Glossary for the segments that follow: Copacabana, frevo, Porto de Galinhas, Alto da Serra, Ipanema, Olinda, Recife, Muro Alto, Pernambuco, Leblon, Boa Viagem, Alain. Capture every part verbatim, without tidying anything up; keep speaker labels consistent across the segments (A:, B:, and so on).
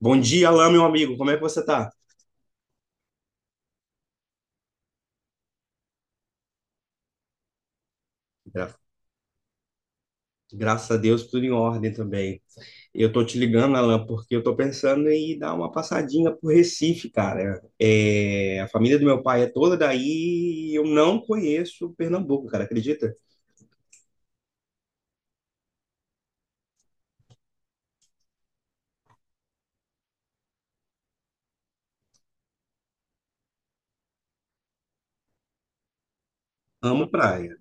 A: Bom dia, Alain, meu amigo. Como é que você tá? Gra- Graças a Deus, tudo em ordem também. Eu tô te ligando, Alain, porque eu tô pensando em dar uma passadinha por Recife, cara. É, a família do meu pai é toda daí e eu não conheço Pernambuco, cara, acredita? Amo praia.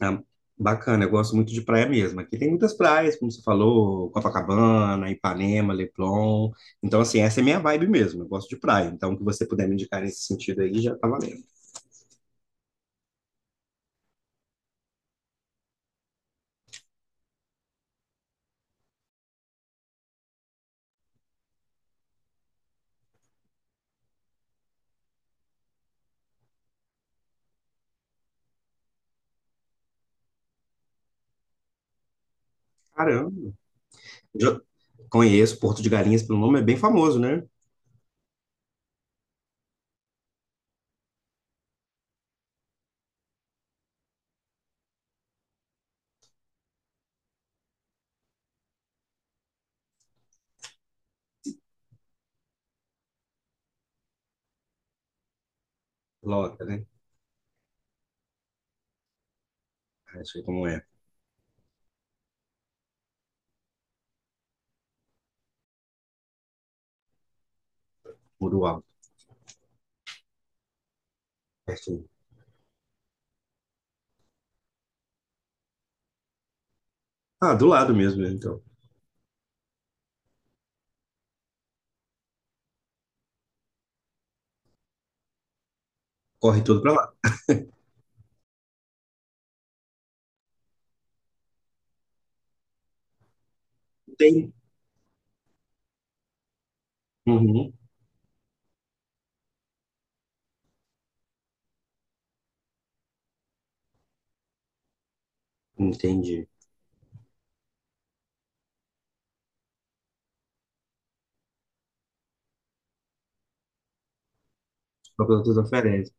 A: Ah, Bacana, eu gosto muito de praia mesmo. Aqui tem muitas praias, como você falou, Copacabana, Ipanema, Leblon. Então, assim, essa é minha vibe mesmo. Eu gosto de praia. Então, o que você puder me indicar nesse sentido aí já tá valendo. Caramba. Já conheço Porto de Galinhas pelo nome, é bem famoso, né? Loca, né? Ah, eu sei como é. Muro Alto, pertinho. Ah, do lado mesmo, né? Então. Corre tudo pra lá. Tem. Uhum. Entendi. Só que outras oferecem.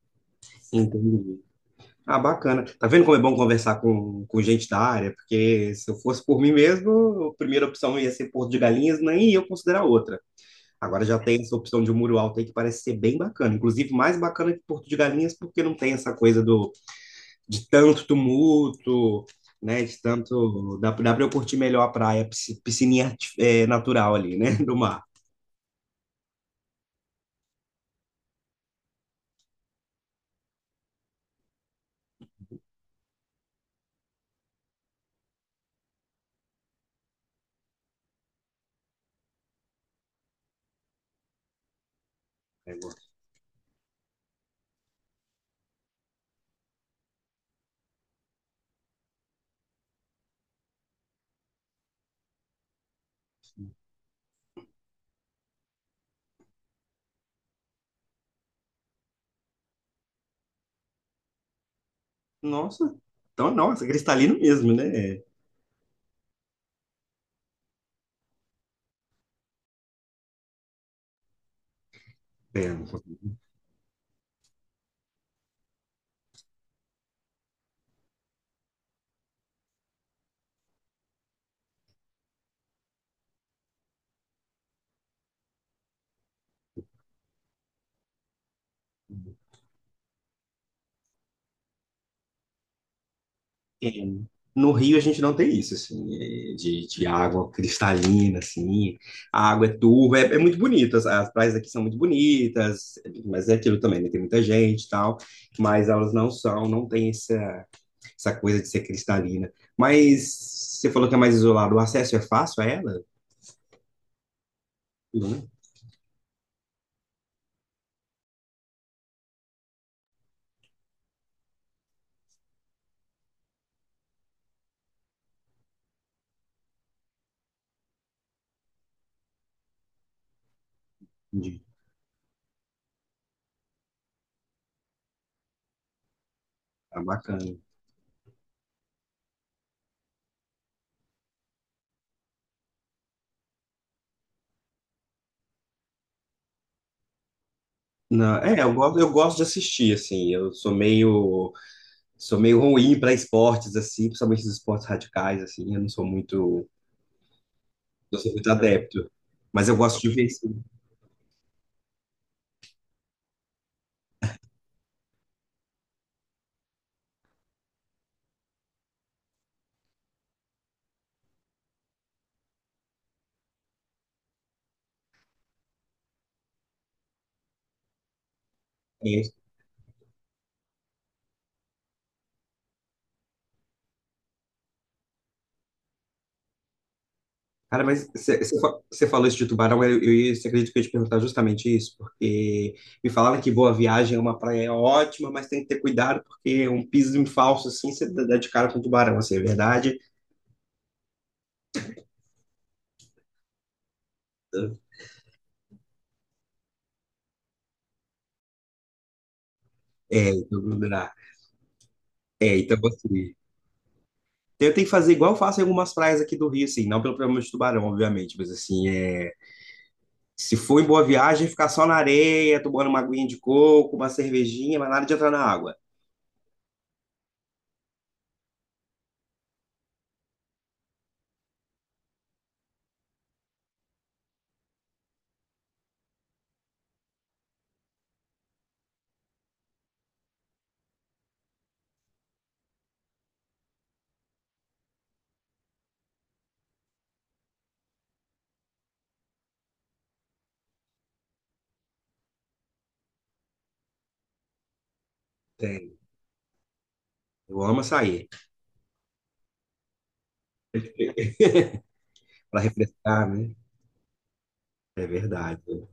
A: Entendi. Ah, bacana. Tá vendo como é bom conversar com, com gente da área? Porque se eu fosse por mim mesmo, a primeira opção ia ser Porto de Galinhas, nem eu considerar outra. Agora já tem essa opção de um muro alto aí que parece ser bem bacana. Inclusive, mais bacana que Porto de Galinhas, porque não tem essa coisa do de tanto tumulto, né? De tanto. Dá, dá para eu curtir melhor a praia, pisci- piscininha arti- é, natural ali, né? Do mar. Nossa, então, nossa, cristalino mesmo, né? É, é. É, No Rio a gente não tem isso, assim, é, de, de água cristalina, assim, a água é turva, é, é muito bonita as, as praias aqui são muito bonitas, mas é aquilo também, né? Tem muita gente e tal, mas elas não são, não tem essa, essa coisa de ser cristalina. Mas você falou que é mais isolado, o acesso é fácil a ela? Não, entendi. Tá bacana. Não, é, eu gosto, eu gosto de assistir, assim, eu sou meio, sou meio ruim para esportes, assim, principalmente os esportes radicais, assim, eu não sou muito. Eu sou muito adepto. Mas eu gosto de ver isso, né? É isso. Cara, mas você falou isso de Tubarão, eu, eu, ia- cê acredita que eu ia te perguntar justamente isso, porque me falaram que Boa Viagem é uma praia ótima, mas tem que ter cuidado, porque um piso falso assim, você dá de cara com tubarão, assim, é verdade? É, então, não dá. É, então assim, eu tenho que fazer igual eu faço em algumas praias aqui do Rio, assim, não pelo problema de tubarão, obviamente, mas assim, é, se for em Boa Viagem, ficar só na areia, tomando uma aguinha de coco, uma cervejinha, mas nada de entrar na água. Né? Eu amo açaí, para refrescar, né? É verdade.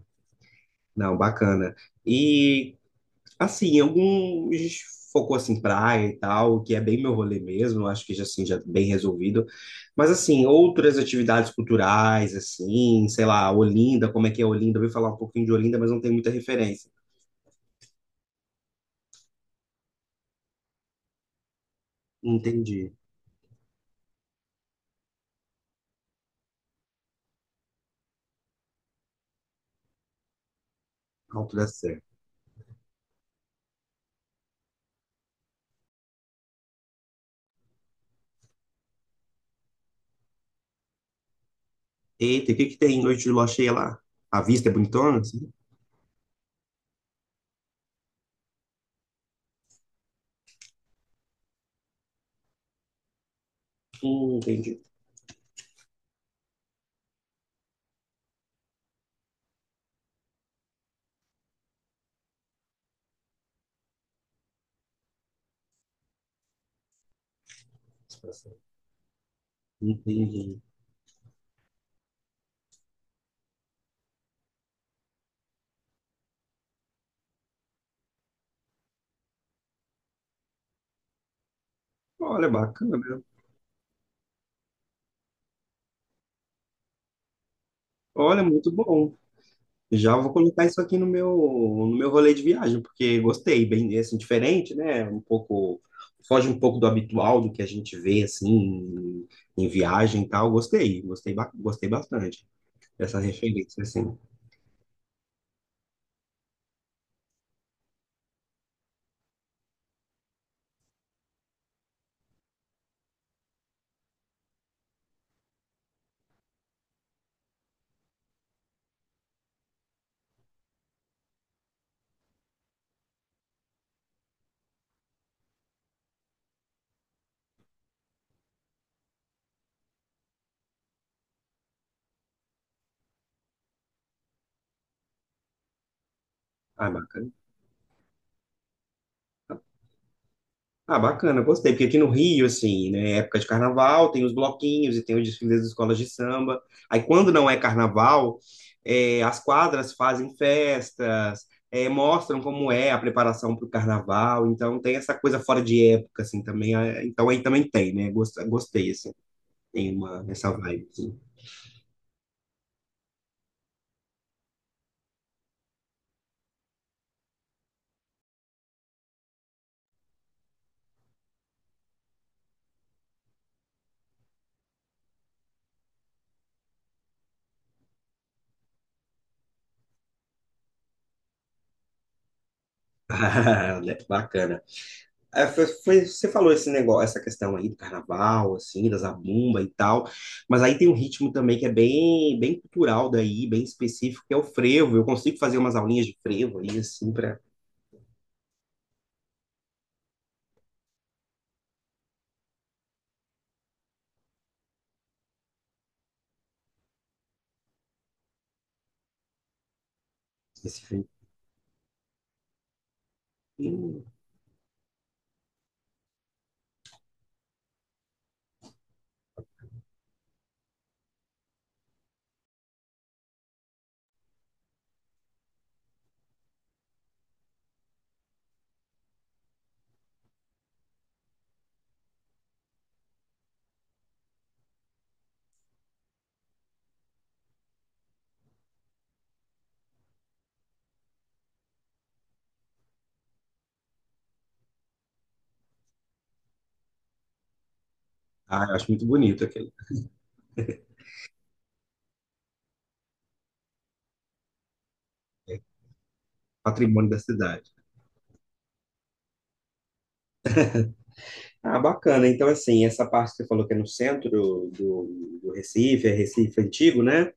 A: Não, bacana. E, assim, alguns focou, assim, praia e tal, que é bem meu rolê mesmo, acho que, já, assim, já bem resolvido. Mas, assim, outras atividades culturais, assim, sei lá, Olinda, como é que é Olinda? Eu ouvi falar um pouquinho de Olinda, mas não tem muita referência. Entendi. Alto da Serra. Eita, e o que que tem em noite de lua cheia lá? A vista é bonitona, assim? Hum, entendi. Entendi. Olha, bacana. Olha, muito bom. Já vou colocar isso aqui no meu, no meu rolê de viagem, porque gostei, bem assim, diferente, né? Um pouco, foge um pouco do habitual, do que a gente vê assim em, em viagem e tal. Gostei, gostei, ba- gostei bastante dessa referência, assim. Ah, bacana. Ah, bacana, gostei. Porque aqui no Rio, assim, né, é época de carnaval, tem os bloquinhos e tem os desfiles das escolas de samba. Aí, quando não é carnaval, eh, as quadras fazem festas, eh, mostram como é a preparação para o carnaval. Então, tem essa coisa fora de época, assim, também. Ah, então, aí também tem, né? Gost- Gostei, assim, tem uma, essa vibe, assim. Ah, né, bacana. É, foi, foi- você falou esse negócio, essa questão aí do carnaval, assim, da zabumba e tal, mas aí tem um ritmo também que é bem, bem cultural daí, bem específico, que é o frevo. Eu consigo fazer umas aulinhas de frevo aí, assim, para esse frevo. Hum. Ah, eu acho muito bonito aquele patrimônio da cidade. Ah, bacana. Então, assim, essa parte que você falou que é no centro do, do Recife, é Recife antigo, né?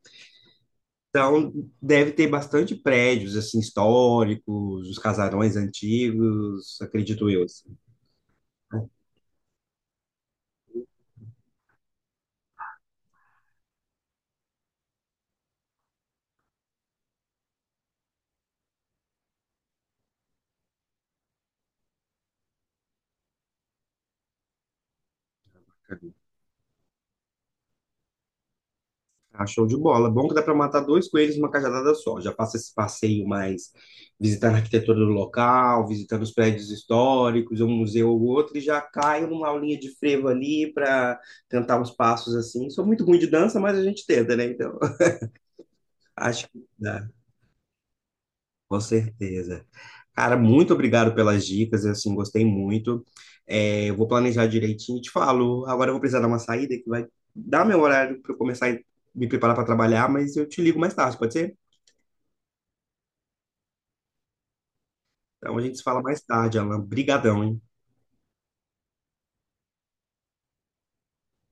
A: Então, deve ter bastante prédios, assim, históricos, os casarões antigos, acredito eu, assim. Ah, show de bola. Bom que dá para matar dois coelhos numa cajadada só. Já passa esse passeio mais visitando a arquitetura do local, visitando os prédios históricos, um museu ou outro, e já cai numa aulinha de frevo ali para tentar uns passos assim. Sou muito ruim de dança, mas a gente tenta, né? Então, acho que dá, com certeza. Cara, muito obrigado pelas dicas, eu, assim, gostei muito. É, eu vou planejar direitinho e te falo. Agora eu vou precisar dar uma saída que vai dar meu horário para eu começar a me preparar para trabalhar, mas eu te ligo mais tarde, pode ser? Então a gente se fala mais tarde, Alan. Brigadão, hein?